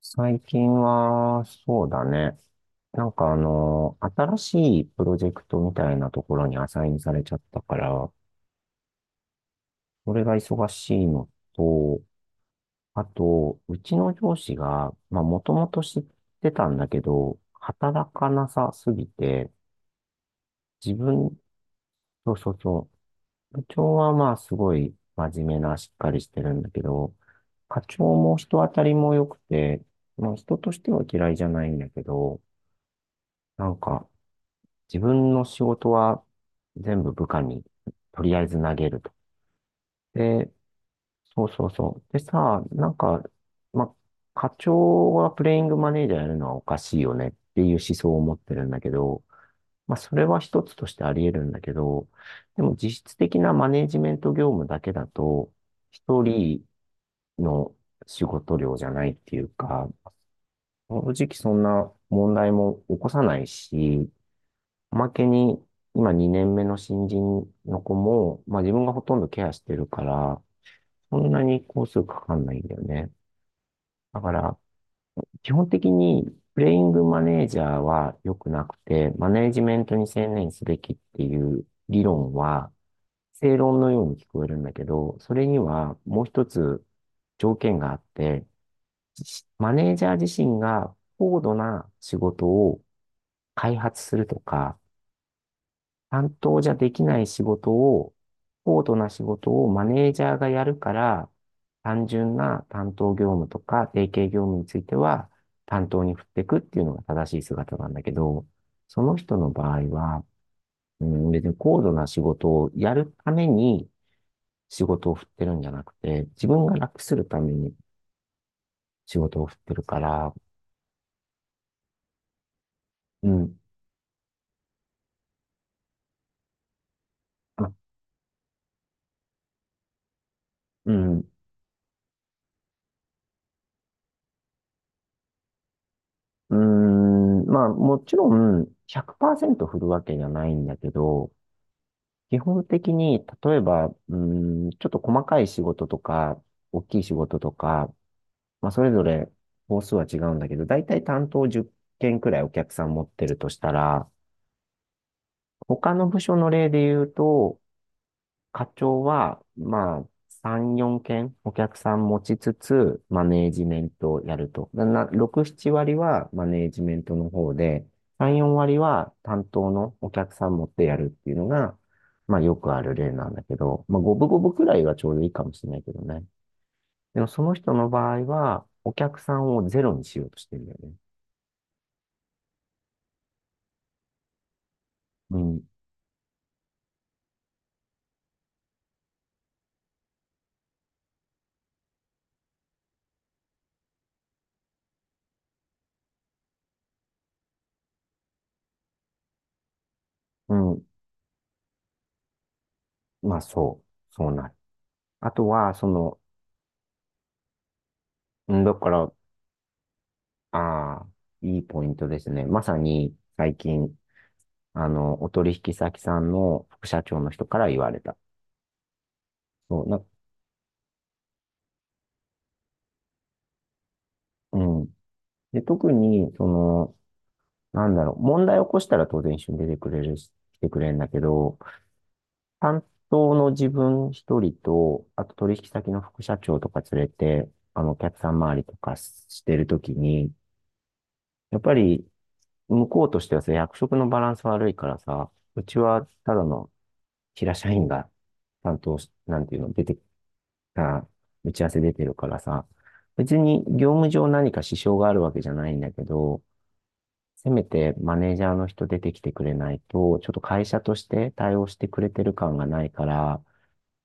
最近は、そうだね。新しいプロジェクトみたいなところにアサインされちゃったから、それが忙しいのと、あと、うちの上司が、まあ、もともと知ってたんだけど、働かなさすぎて、自分、そうそうそう、部長はまあ、すごい真面目な、しっかりしてるんだけど、課長も人当たりも良くて、まあ、人としては嫌いじゃないんだけど、なんか、自分の仕事は全部部下にとりあえず投げると。で、そうそうそう。でさ、なんか、ま、課長がプレイングマネージャーやるのはおかしいよねっていう思想を持ってるんだけど、まあ、それは一つとしてあり得るんだけど、でも実質的なマネージメント業務だけだと、一人の仕事量じゃないっていうか、正直そんな問題も起こさないし、おまけに、今2年目の新人の子も、まあ自分がほとんどケアしてるから、そんなに工数かかんないんだよね。だから、基本的に、プレイングマネージャーは良くなくて、マネージメントに専念すべきっていう理論は、正論のように聞こえるんだけど、それにはもう一つ条件があって、マネージャー自身が高度な仕事を開発するとか、担当じゃできない仕事を、高度な仕事をマネージャーがやるから、単純な担当業務とか定型業務については担当に振っていくっていうのが正しい姿なんだけど、その人の場合は、うん、別に高度な仕事をやるために仕事を振ってるんじゃなくて、自分が楽するために仕事を振ってるから、うん、あ、うん、うん、まあもちろん100%振るわけじゃないんだけど、基本的に、例えば、ちょっと細かい仕事とか、大きい仕事とか、まあ、それぞれ、本数は違うんだけど、だいたい担当10件くらいお客さん持ってるとしたら、他の部署の例で言うと、課長は、まあ、3、4件お客さん持ちつつ、マネージメントをやると。な、な6、7割はマネージメントの方で、3、4割は担当のお客さん持ってやるっていうのが、まあ、よくある例なんだけど、まあ、五分五分くらいがちょうどいいかもしれないけどね。でも、その人の場合は、お客さんをゼロにしようとしてるんだよね。うん、うん、まあ、そう、そうなる。あとは、その、うんだから、ああ、いいポイントですね。まさに最近、あの、お取引先さんの副社長の人から言われた。そう、な、うん。で、特に、その、なんだろう、問題を起こしたら当然一緒に出てくれるし、来てくれるんだけど、担当の自分一人と、あと取引先の副社長とか連れて、あの、お客さん周りとかしてるときに、やっぱり、向こうとしてはさ、役職のバランス悪いからさ、うちはただの平社員が担当し、なんていうの、出てきた、打ち合わせ出てるからさ、別に業務上何か支障があるわけじゃないんだけど、せめてマネージャーの人出てきてくれないと、ちょっと会社として対応してくれてる感がないから、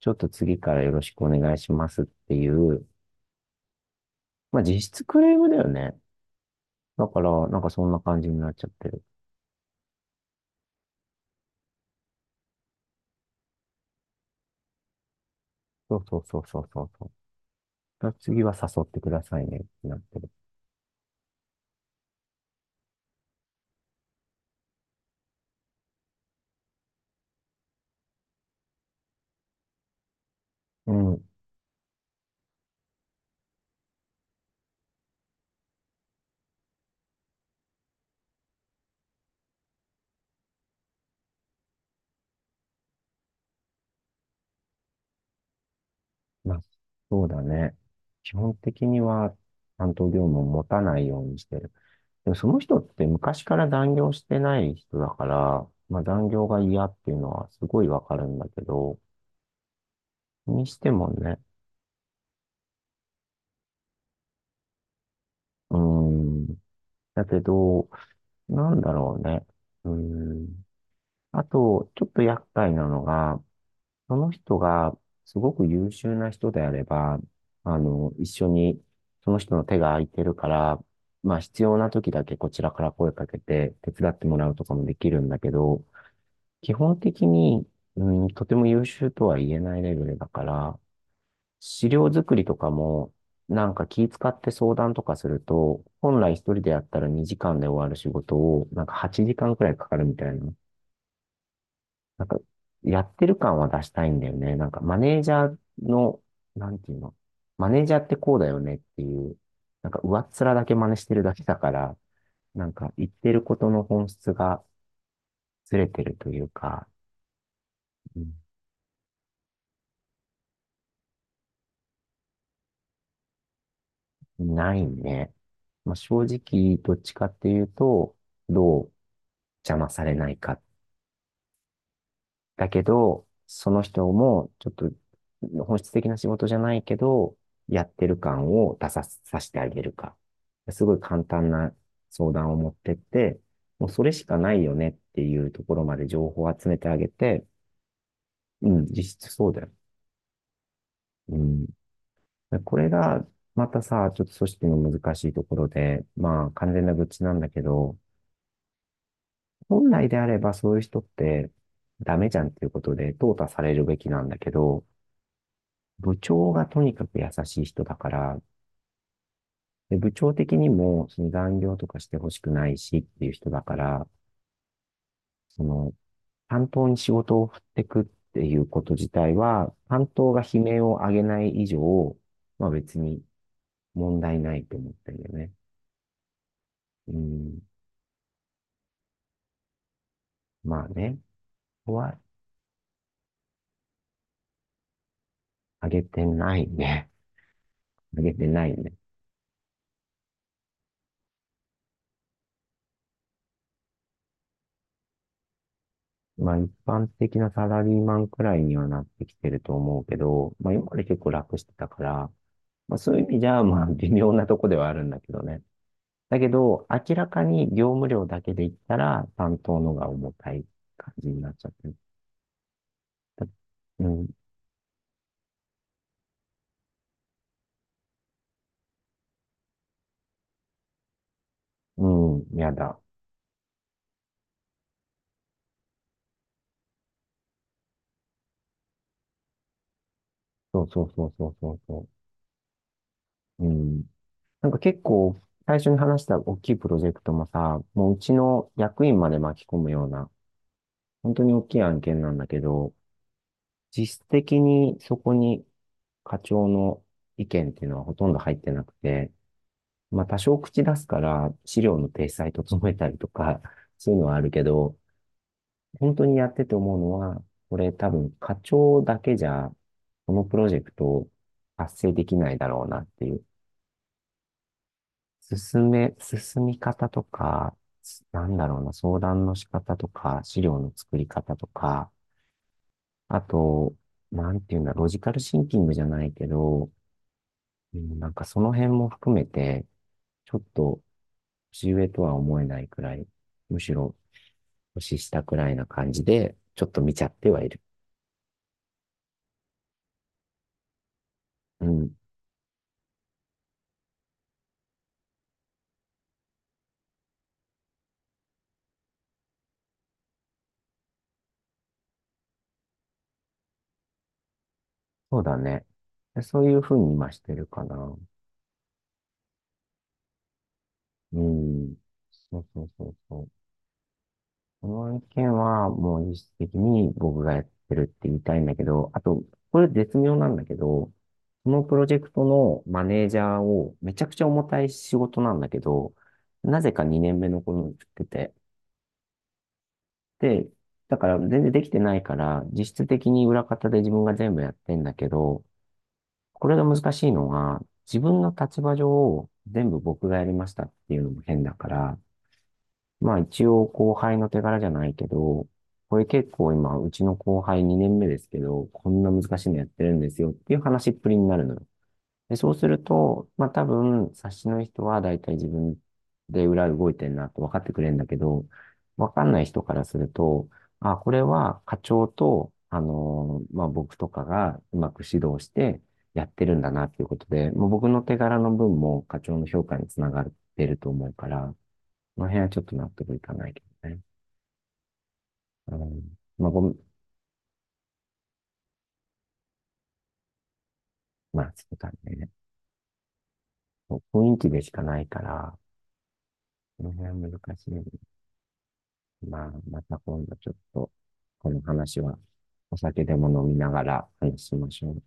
ちょっと次からよろしくお願いしますっていう、まあ実質クレームだよね。だから、なんかそんな感じになっちゃってる。そうそうそうそうそうそう。次は誘ってくださいねってなってる。うん。まあ、そうだね。基本的には担当業務を持たないようにしてる。でもその人って昔から残業してない人だから、まあ残業が嫌っていうのはすごいわかるんだけど、にしてもね、うーん。だけど、なんだろうね。うーん。あと、ちょっと厄介なのが、その人がすごく優秀な人であれば、あの、一緒に、その人の手が空いてるから、まあ必要な時だけこちらから声かけて手伝ってもらうとかもできるんだけど、基本的に、うん、とても優秀とは言えないレベルだから、資料作りとかも、なんか気使って相談とかすると、本来一人でやったら2時間で終わる仕事を、なんか8時間くらいかかるみたいな。なんか、やってる感は出したいんだよね。なんか、マネージャーの、なんていうの、マネージャーってこうだよねっていう、なんか、上っ面だけ真似してるだけだから、なんか、言ってることの本質がずれてるというか、うんないね。まあ、正直、どっちかっていうと、どう邪魔されないかだけど、その人も、ちょっと、本質的な仕事じゃないけど、やってる感を出さ、させてあげるか。すごい簡単な相談を持ってって、もうそれしかないよねっていうところまで情報を集めてあげて、うん、実質そうだよ。うん。これが、またさ、ちょっと組織の難しいところで、まあ、完全な愚痴なんだけど、本来であればそういう人ってダメじゃんっていうことで淘汰されるべきなんだけど、部長がとにかく優しい人だから、で部長的にもその残業とかしてほしくないしっていう人だから、その担当に仕事を振ってくっていうこと自体は、担当が悲鳴を上げない以上、まあ別に問題ないと思ってるよね。うん。まあね。ここは上げてないね。上げてないね。まあ一般的なサラリーマンくらいにはなってきてると思うけど、まあ今まで結構楽してたから、まあ、そういう意味じゃ、まあ、微妙なとこではあるんだけどね。だけど、明らかに業務量だけで言ったら、担当のが重たい感じになっちゃってる。だうん、うん、やだ。そうそうそうそうそうそう。うん。なんか結構、最初に話した大きいプロジェクトもさ、もううちの役員まで巻き込むような、本当に大きい案件なんだけど、実質的にそこに課長の意見っていうのはほとんど入ってなくて、まあ、多少口出すから、資料の体裁整えたりとか、そういうのはあるけど、本当にやってて思うのは、これ多分課長だけじゃ、このプロジェクト達成できないだろうなっていう。進め、進み方とか、なんだろうな、相談の仕方とか、資料の作り方とか、あと、なんていうんだ、ロジカルシンキングじゃないけど、うんなんかその辺も含めて、ちょっと年上とは思えないくらい、むしろ年下くらいな感じで、ちょっと見ちゃってはいる。うん。そうだね。そういうふうに今してるかな。うん。そうそうそうそう。この案件はもう実質的に僕がやってるって言いたいんだけど、あと、これ絶妙なんだけど、このプロジェクトのマネージャーをめちゃくちゃ重たい仕事なんだけど、なぜか2年目の子に振ってて、で、だから全然できてないから、実質的に裏方で自分が全部やってんだけど、これが難しいのが、自分の立場上、全部僕がやりましたっていうのも変だから、まあ一応後輩の手柄じゃないけど、これ結構今、うちの後輩2年目ですけど、こんな難しいのやってるんですよっていう話っぷりになるのよ。で、そうすると、まあ多分、冊子の人は大体自分で裏動いてんなって分かってくれるんだけど、分かんない人からすると、あ、これは課長と、まあ僕とかがうまく指導してやってるんだなっていうことで、もう僕の手柄の分も課長の評価につながってると思うから、この辺はちょっと納得いかないけどね。うん。まあごめん、まあそうだね。雰囲気でしかないから、この辺は難しいよね。まあ、また今度ちょっと、この話はお酒でも飲みながら話しましょうね。